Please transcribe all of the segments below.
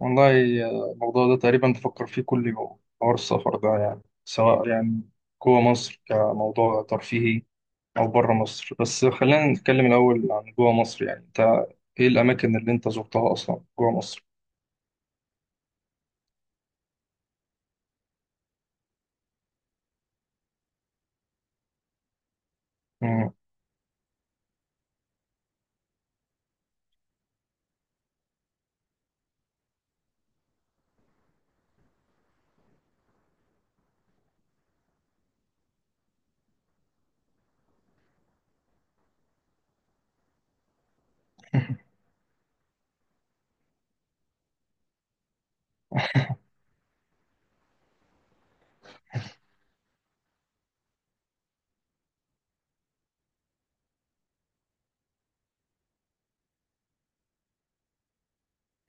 والله. الموضوع ده تقريبا بفكر فيه كل يوم، حوار السفر ده، يعني سواء يعني جوه مصر كموضوع ترفيهي أو بره مصر. بس خلينا نتكلم الأول عن جوه مصر. يعني أنت إيه الأماكن اللي أنت زرتها أصلا جوه مصر؟ مم.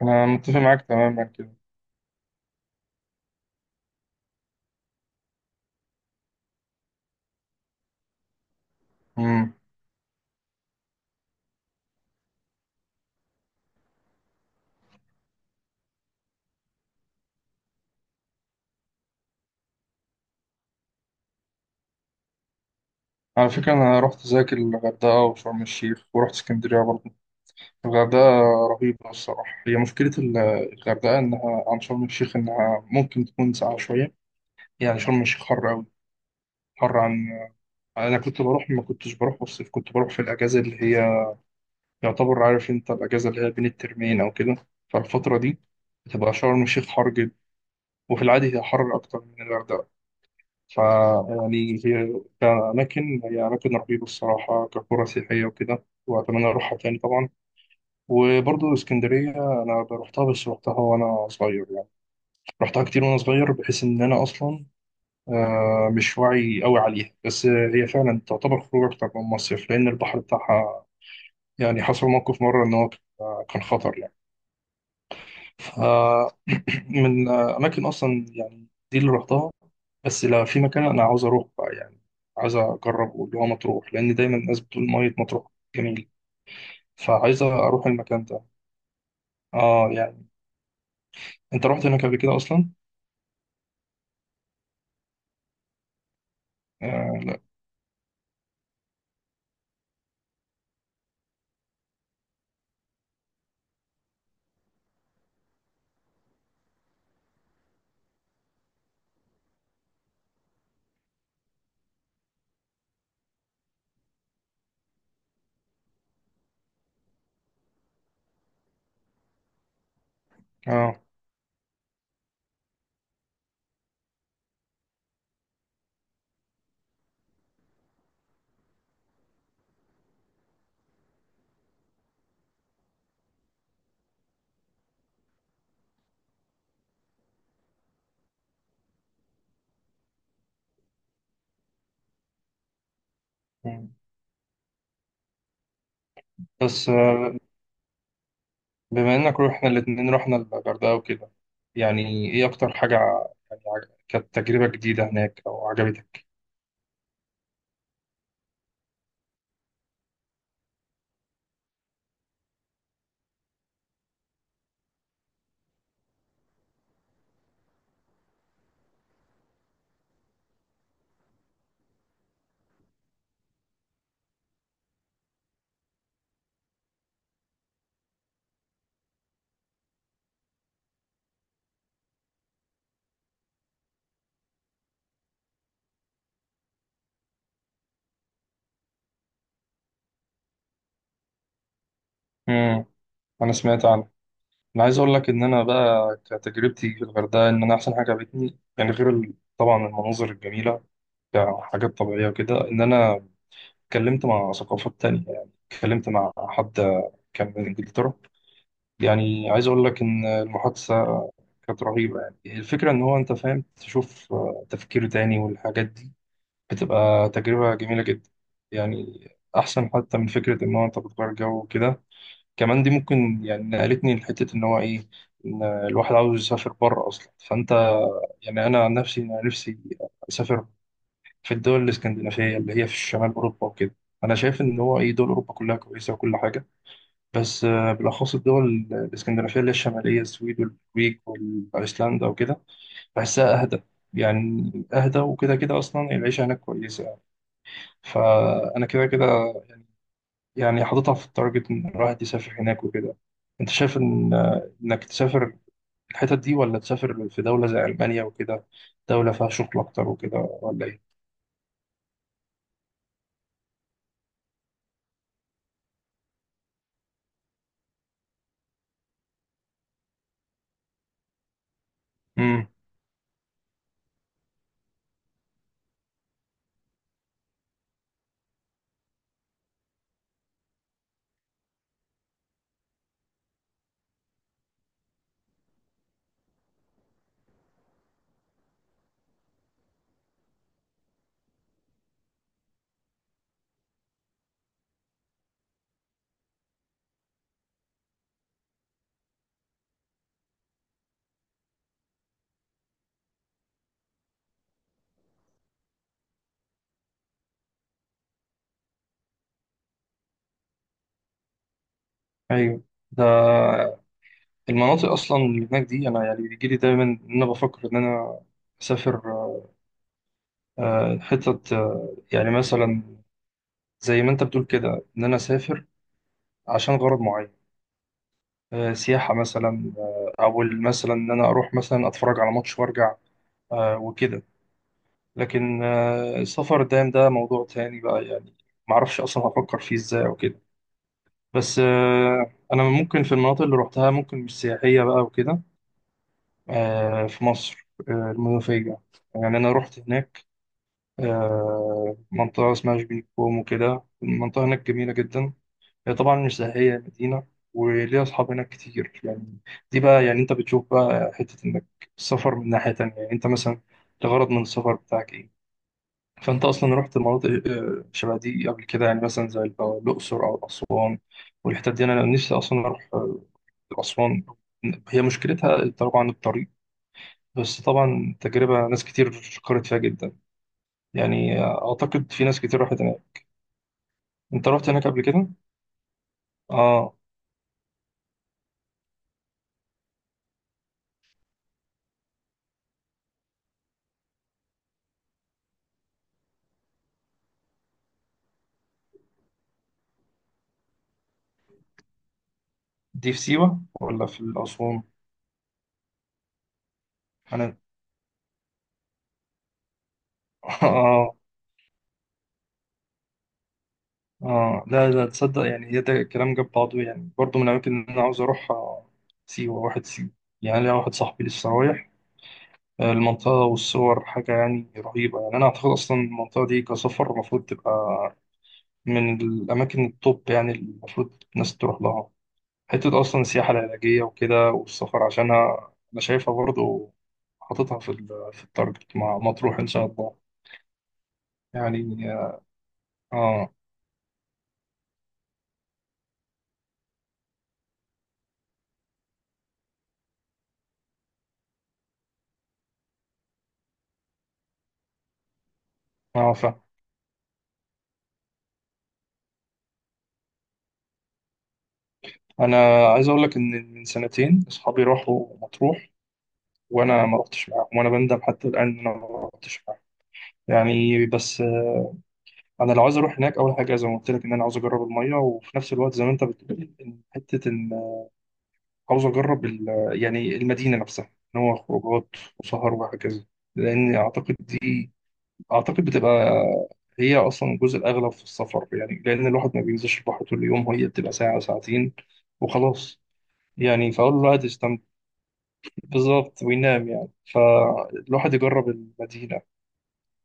أنا متفق معاك تماما كده. مم. على فكرة أنا رحت زيك الغردقة وشرم الشيخ، ورحت اسكندرية برضه. الغردقة رهيبة الصراحة. هي مشكلة الغردقة، إنها عن شرم الشيخ إنها ممكن تكون ساقعة شوية. يعني شرم الشيخ حر أوي، حر عن، انا كنت بروح، ما كنتش بروح في الصيف، كنت بروح في الاجازه اللي هي، يعتبر عارف انت، الاجازه اللي هي بين الترمين او كده. فالفتره دي بتبقى شرم الشيخ حر جدا، وفي العادي هي حر اكتر من الغردقه. ف يعني هي كأماكن، هي أماكن رهيبة الصراحة كقرى سياحية وكده، وأتمنى أروحها تاني طبعا. وبرضه اسكندرية، أنا رحتها بس رحتها وأنا صغير يعني. رحتها كتير وأنا صغير، بحيث إن أنا أصلا مش واعي قوي عليها. بس هي فعلا تعتبر خروج أكتر من مصيف، لأن البحر بتاعها يعني حصل موقف مرة إن هو كان خطر يعني. فمن أماكن أصلا يعني دي اللي رحتها. بس لا، في مكان أنا عاوز أروح بقى يعني، عايز أجربه، اللي هو مطروح، لأن دايما الناس بتقول مية مطروح جميل. فعايز أروح المكان ده. يعني أنت رحت هناك قبل كده أصلا؟ آه لا. آه. مم. بس بما إنك روحنا الاتنين، رحنا الغردقة وكده، يعني إيه أكتر حاجة، يعني كانت تجربة جديدة هناك أو عجبتك؟ مم. أنا سمعت عنها. انا عايز اقول لك ان انا بقى كتجربتي في الغردقه، ان انا احسن حاجه عجبتني يعني، غير طبعا المناظر الجميله كحاجات طبيعيه وكده، ان انا اتكلمت مع ثقافات تانية. يعني اتكلمت مع حد كان من انجلترا. يعني عايز اقول لك ان المحادثه كانت رهيبه، يعني الفكره ان هو، انت فاهم، تشوف تفكير تاني والحاجات دي، بتبقى تجربه جميله جدا يعني. احسن حتى من فكره ان هو انت بتغير جو وكده. كمان دي ممكن يعني نقلتني لحتة إن هو إيه، إن الواحد عاوز يسافر بره أصلا. فأنت، يعني أنا عن نفسي، أنا نفسي أسافر في الدول الإسكندنافية اللي هي في شمال أوروبا وكده. أنا شايف إن هو إيه، دول أوروبا كلها كويسة وكل حاجة، بس بالأخص الدول الإسكندنافية اللي هي الشمالية، السويد والنرويج وأيسلندا وكده، بحسها أهدى. يعني أهدى وكده، كده أصلا العيشة هناك كويسة يعني. فأنا كده كده يعني حاططها في التارجت إن الواحد يسافر هناك وكده. أنت شايف إن إنك تسافر الحتت دي، ولا تسافر في دولة زي ألمانيا وكده، دولة فيها شغل أكتر وكده، ولا إيه؟ امم أيوه. ده المناطق أصلا اللي هناك دي، أنا يعني بيجيلي دايما إن أنا بفكر إن أنا أسافر حتت، يعني مثلا زي ما أنت بتقول كده إن أنا أسافر عشان غرض معين، سياحة مثلا، أو مثلا إن أنا أروح مثلا أتفرج على ماتش وأرجع، وكده. لكن السفر الدائم ده موضوع تاني بقى يعني، معرفش أصلا هفكر فيه إزاي أو كده. بس أنا ممكن في المناطق اللي روحتها ممكن مش سياحية بقى وكده. في مصر، المنوفية، يعني أنا رحت هناك. منطقة اسمها شبين كوم وكده. المنطقة هناك جميلة جدا، هي طبعا مش سياحية، هي مدينة وليها أصحاب هناك كتير يعني. دي بقى يعني أنت بتشوف بقى حتة إنك، السفر من ناحية تانية، يعني أنت مثلا الغرض من السفر بتاعك إيه. فأنت أصلا رحت مناطق شبه دي قبل كده يعني، مثلا زي الأقصر أو أسوان والحتت دي. أنا نفسي أصلا أروح أسوان، هي مشكلتها طبعا الطريق، بس طبعا تجربة ناس كتير شكرت فيها جدا يعني. أعتقد في ناس كتير راحت هناك. أنت رحت هناك قبل كده؟ آه. دي في سيوة ولا في أسوان؟ أنا آه لا لا تصدق يعني، هي ده الكلام جاب بعضه يعني. برضه من الأماكن اللي أنا عاوز أروح، سيوة، واحد سيوة. يعني ليا واحد صاحبي لسه رايح المنطقة، والصور حاجة يعني رهيبة. يعني أنا أعتقد أصلا المنطقة دي كسفر المفروض تبقى من الأماكن التوب يعني، اللي المفروض الناس تروح لها. حتة أصلا السياحة العلاجية وكده، والسفر عشانها أنا شايفها برضو حاططها في في التارجت مع مطروح إن شاء الله. يعني آه فاهم. أنا عايز أقول لك إن من سنتين أصحابي راحوا مطروح، وأنا ما رحتش معاهم، وأنا بندم حتى الآن إن أنا ما رحتش معاهم يعني. بس انا لو عايز اروح هناك، اول حاجه زي ما قلت لك ان انا عاوز اجرب الميه، وفي نفس الوقت زي ما انت بتقول إن حته ان عاوز اجرب يعني المدينه نفسها، ان هو خروجات وسهر وهكذا. لان اعتقد دي، اعتقد بتبقى هي اصلا الجزء الاغلب في السفر يعني، لان الواحد ما بينزلش البحر طول اليوم، هي بتبقى ساعه ساعتين وخلاص يعني. فاقول له الواحد يستمتع بالظبط وينام، يعني فالواحد يجرب المدينه.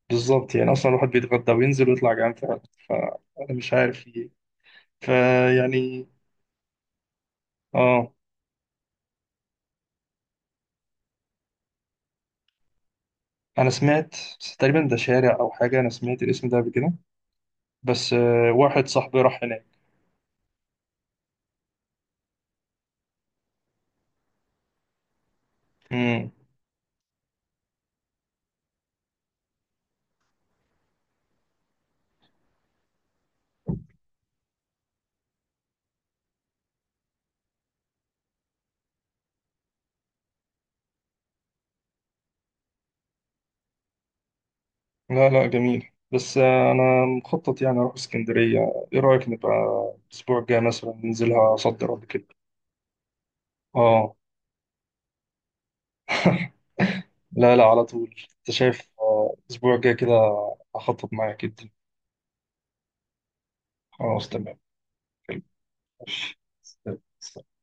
بالظبط يعني اصلا الواحد بيتغدى وينزل ويطلع جعان فعلا. فانا مش عارف، فيعني اه. انا سمعت، بس تقريبا ده شارع او حاجه، انا سمعت الاسم ده قبل كده. بس واحد صاحبي راح هناك. امم لا لا جميل. بس انا مخطط يعني اروح اسكندريه. ايه رايك نبقى الاسبوع الجاي مثلا ننزلها صد رد كده. اه لا لا، على طول. انت شايف الاسبوع الجاي كده. هخطط معاك جدا. خلاص تمام. ماشي.